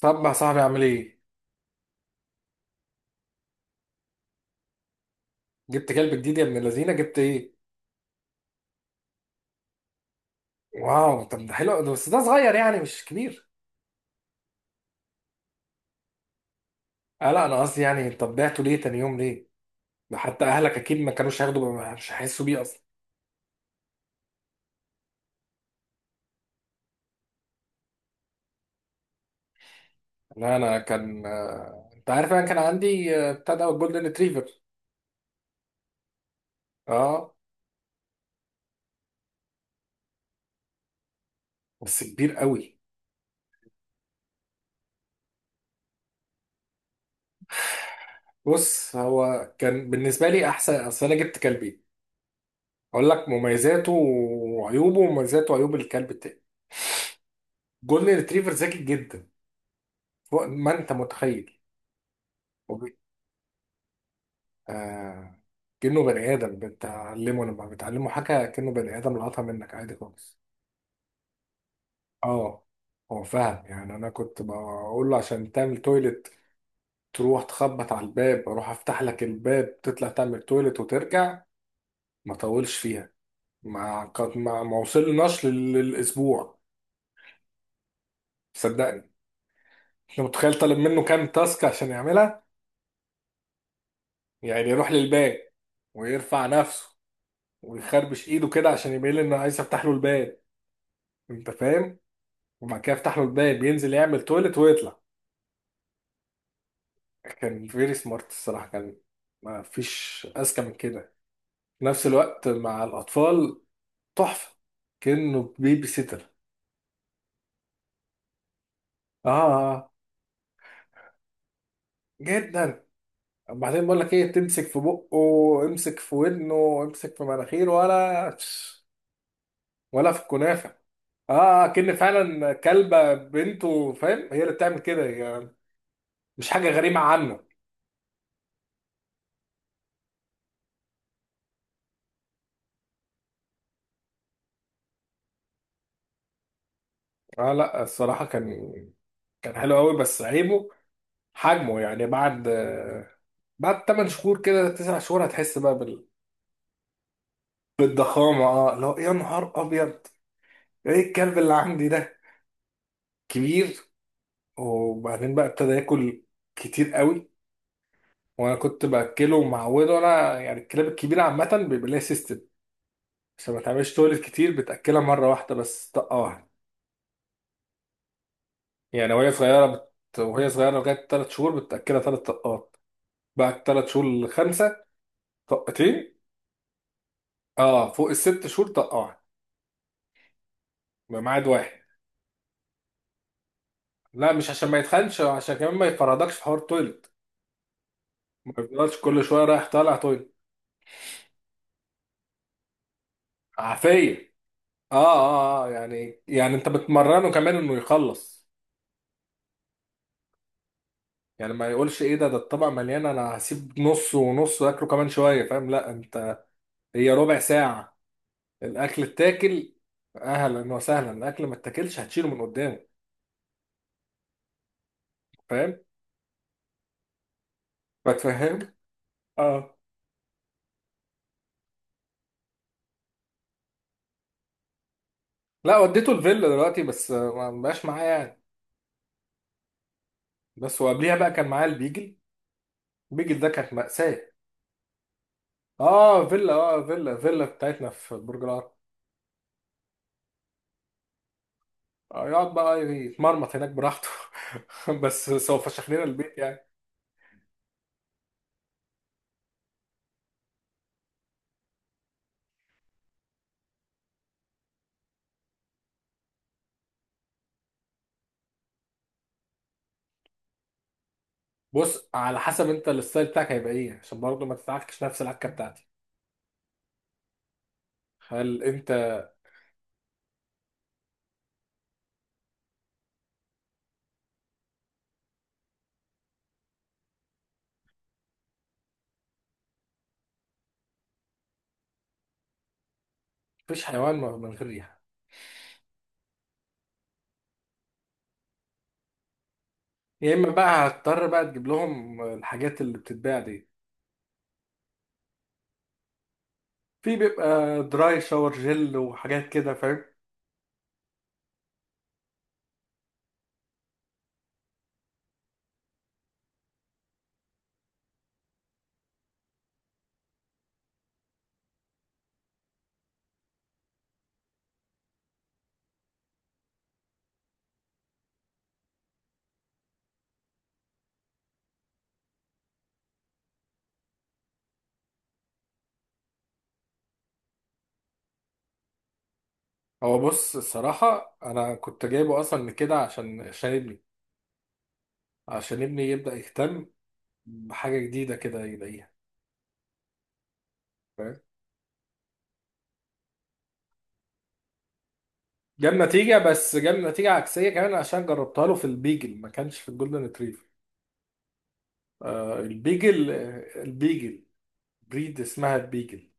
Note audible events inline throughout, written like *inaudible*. طب يا صاحبي اعمل ايه؟ جبت كلب جديد يا ابن اللذينه، جبت ايه؟ واو، طب ده حلو بس ده صغير، يعني مش كبير. آه، لا، انا قصدي يعني، طب بعته ليه تاني يوم، ليه؟ ده حتى اهلك اكيد ما كانوش هياخدوا مش هيحسوا بيه اصلا. لا، انا كان، انت عارف انا كان عندي، بتاع ده جولدن ريتريفر. اه. بس كبير قوي. بص، هو كان بالنسبه لي احسن، اصل انا جبت كلبين، اقول لك مميزاته وعيوبه ومميزاته وعيوب الكلب التاني. جولدن ريتريفر ذكي جدا، فوق ما انت متخيل. آه. كأنه بني آدم، بتعلمه لما بتعلمه حاجة كأنه بني آدم لقطها منك عادي خالص. اه. هو فاهم، يعني أنا كنت بقول له عشان تعمل تويلت، تروح تخبط على الباب، أروح أفتح لك الباب، تطلع تعمل تويلت وترجع، ما طولش فيها. ما قد ما وصلناش للأسبوع. صدقني. أنت متخيل طالب منه كام تاسك عشان يعملها؟ يعني يروح للباب، ويرفع نفسه، ويخربش إيده كده عشان يبين لي إنه عايز أفتح له الباب، أنت فاهم، وبعد كده يفتح له الباب، ينزل يعمل تويلت ويطلع. كان فيري سمارت الصراحة، كان ما فيش أذكى من كده. في نفس الوقت مع الأطفال تحفة، كأنه بيبي سيتر. آه، آه، آه، جدا. وبعدين بقول لك إيه، تمسك في بقه، امسك في ودنه، امسك في مناخيره، ولا *sniffs* ولا في الكنافة. آه، آه، آه، كأن فعلا كلبة بنته، فاهم، هي اللي بتعمل كده يعني. مش حاجة غريبة عنه. آه، لا، الصراحة كان، كان حلو قوي، بس عيبه حجمه يعني. بعد 8 شهور كده، 9 شهور، هتحس بقى بالضخامة. اه، لو، يا نهار ابيض. ايه الكلب اللي عندي ده، كبير. وبعدين بقى ابتدى ياكل كتير قوي. وانا كنت باكله ومعوده، انا يعني الكلاب الكبيرة عامة بيبقى ليها سيستم عشان ما تعملش تولد كتير، بتاكلها مرة واحدة بس، طقة واحدة. يعني وهي صغيرة لغاية 3 شهور بتاكلها 3 طقات. بعد 3 شهور لـ5، طقتين. اه. فوق الـ6 شهور طقة واحدة، بميعاد واحد. لا، مش عشان ما يتخنش، عشان كمان ما يفرضكش في حوار تويلت، ما يفضلش كل شويه رايح طالع تويلت. عافيه. اه يعني انت بتمرنه كمان انه يخلص، يعني ما يقولش ايه ده الطبق مليان انا هسيب نص ونص واكله كمان شويه، فاهم؟ لا انت، هي ربع ساعه، الاكل اتاكل. اهلا وسهلا. الاكل ما اتاكلش، هتشيله من قدامه، فاهم. بتفهم. اه. لا، وديته الفيلا دلوقتي، بس، ما بقاش معايا يعني. بس وقبليها بقى كان معايا البيجل. البيجل ده كانت مأساة. اه فيلا، اه فيلا، فيلا بتاعتنا في برج العرب. آه، يقعد بقى يتمرمط هناك براحته، *laughs* بس سوف فشخ لنا البيت يعني. بص، على حسب انت الستايل بتاعك هيبقى ايه، عشان برضه ما تتعكش نفس العكه بتاعتي. هل انت، مفيش حيوان من غير ريحه. يا اما بقى هتضطر بقى تجيب لهم الحاجات اللي بتتباع دي. في بيبقى دراي شاور جل وحاجات كده، فاهم. هو بص، الصراحه انا كنت جايبه اصلا من كده، عشان ابني عشان ابني يبدا يهتم بحاجه جديده كده يلاقيها، فاهم؟ جاب نتيجة، بس جاب نتيجة عكسية كمان، عشان جربتها له في البيجل، ما كانش في الجولدن ريتريفر. آه البيجل، بريد اسمها البيجل.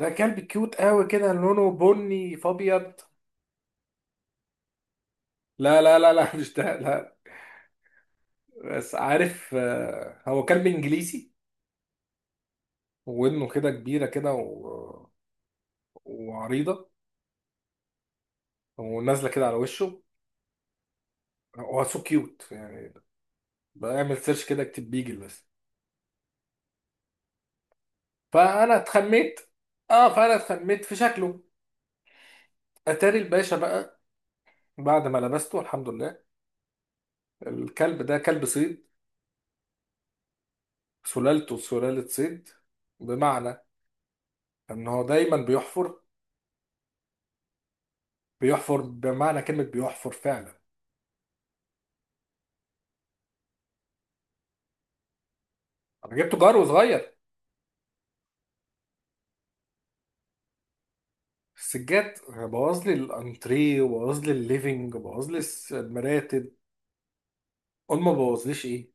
ده كلب كيوت قوي كده، لونه بني في ابيض. لا لا لا لا، مش ده لا. بس عارف، آه، هو كلب انجليزي، ودنه كده كبيرة كده و... وعريضة ونازلة كده على وشه، هو سو كيوت يعني. بعمل سيرش كده، اكتب بيجل بس. فأنا اتخميت. اه. فأنا اتخميت في شكله. اتاري الباشا بقى، بعد ما لبسته الحمد لله، الكلب ده كلب صيد، سلالته سلالة صيد، بمعنى ان هو دايما بيحفر. بيحفر بمعنى كلمة بيحفر فعلا. انا جبته جار وصغير. السجاد بوظ لي الانتريه وبوظ لي الليفينج وبوظ لي المراتب. قول ما بوظليش ايه.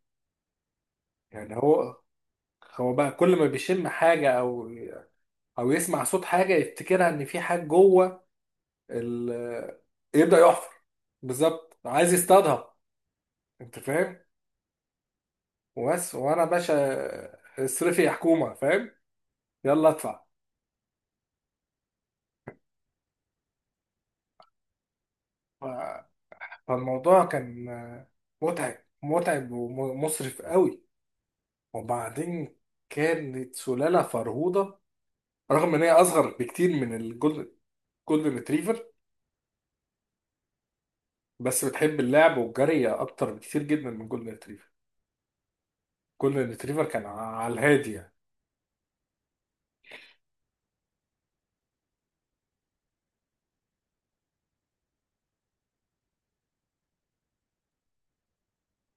يعني هو بقى كل ما بيشم حاجة، او يسمع صوت حاجة، يفتكرها ان في حاجة جوه ال... يبدأ يحفر. بالظبط، عايز يصطادها. انت فاهم. وبس. وانا باشا اصرفي يا حكومه، فاهم، يلا ادفع. ف- فالموضوع كان متعب. متعب ومصرف قوي. وبعدين، كانت سلاله فرهوده، رغم ان هي اصغر بكتير من الجولدن، جولدن ريتريفر، بس بتحب اللعب والجري اكتر بكتير جدا من جولدن ريتريفر. جولدن ريتريفر كان على الهادي يعني.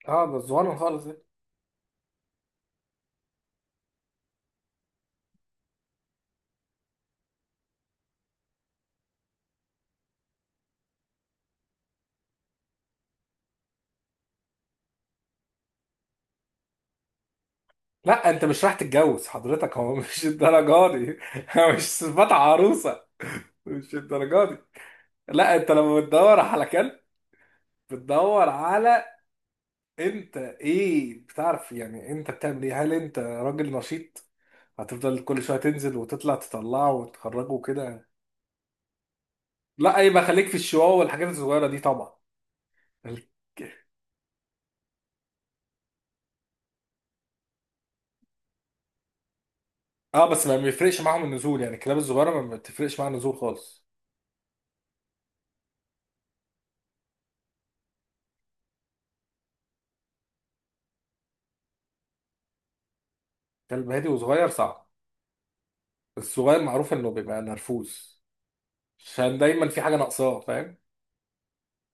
اه، بس صغير خالص يعني. لا، انت مش رايح تتجوز حضرتك، هو مش الدرجه دي. *laughs* مش صفات عروسه، مش الدرجات. لا، انت لما بتدور على كلب، بتدور على انت ايه، بتعرف يعني، انت بتعمل ايه، هل انت راجل نشيط هتفضل كل شويه تنزل وتطلع، تطلعه وتخرجه وكده؟ لا، يبقى خليك في الشواء والحاجات الصغيره دي طبعا. ال- اه، بس ما بيفرقش معاهم النزول، يعني الكلاب الصغيره ما بتفرقش معاها النزول خالص. كلب هادي وصغير صعب. الصغير معروف انه بيبقى نرفوز، عشان دايما في حاجه ناقصاه، فاهم،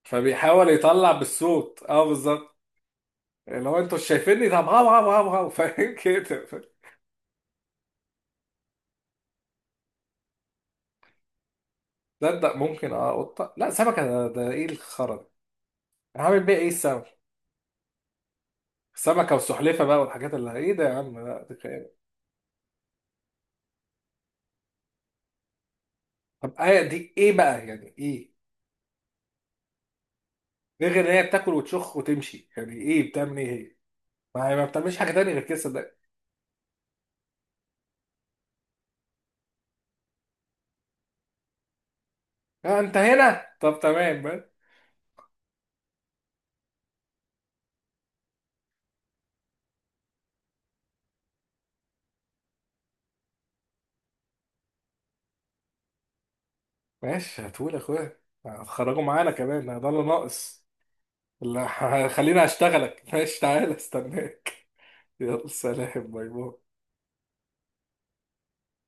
فبيحاول يطلع بالصوت. اه بالظبط. اللي هو انتوا شايفيني، طب، هاو هاو هاو هاو. *laughs* فاهم كده. تصدق ممكن، اه قطه، لا سمكه، ده ايه الخرا. انا هعمل بيها ايه السمكه. سمكه وسحلفه بقى والحاجات اللي ايه، ده يا عم، لا دي خيال. طب هي دي ايه بقى يعني، ايه ده غير ان هي بتاكل وتشخ وتمشي، يعني ايه بتعمل ايه هي؟ ما هي ما بتعملش حاجه تانية غير كده، صدق. اه، انت هنا، طب تمام بقى. ماشي، هتقول يا اخويا هتخرجوا معانا كمان، ده اللي ناقص. لا، *laughs* خليني اشتغلك، ماشي، تعالى استناك. *laughs* يلا، سلام، باي باي.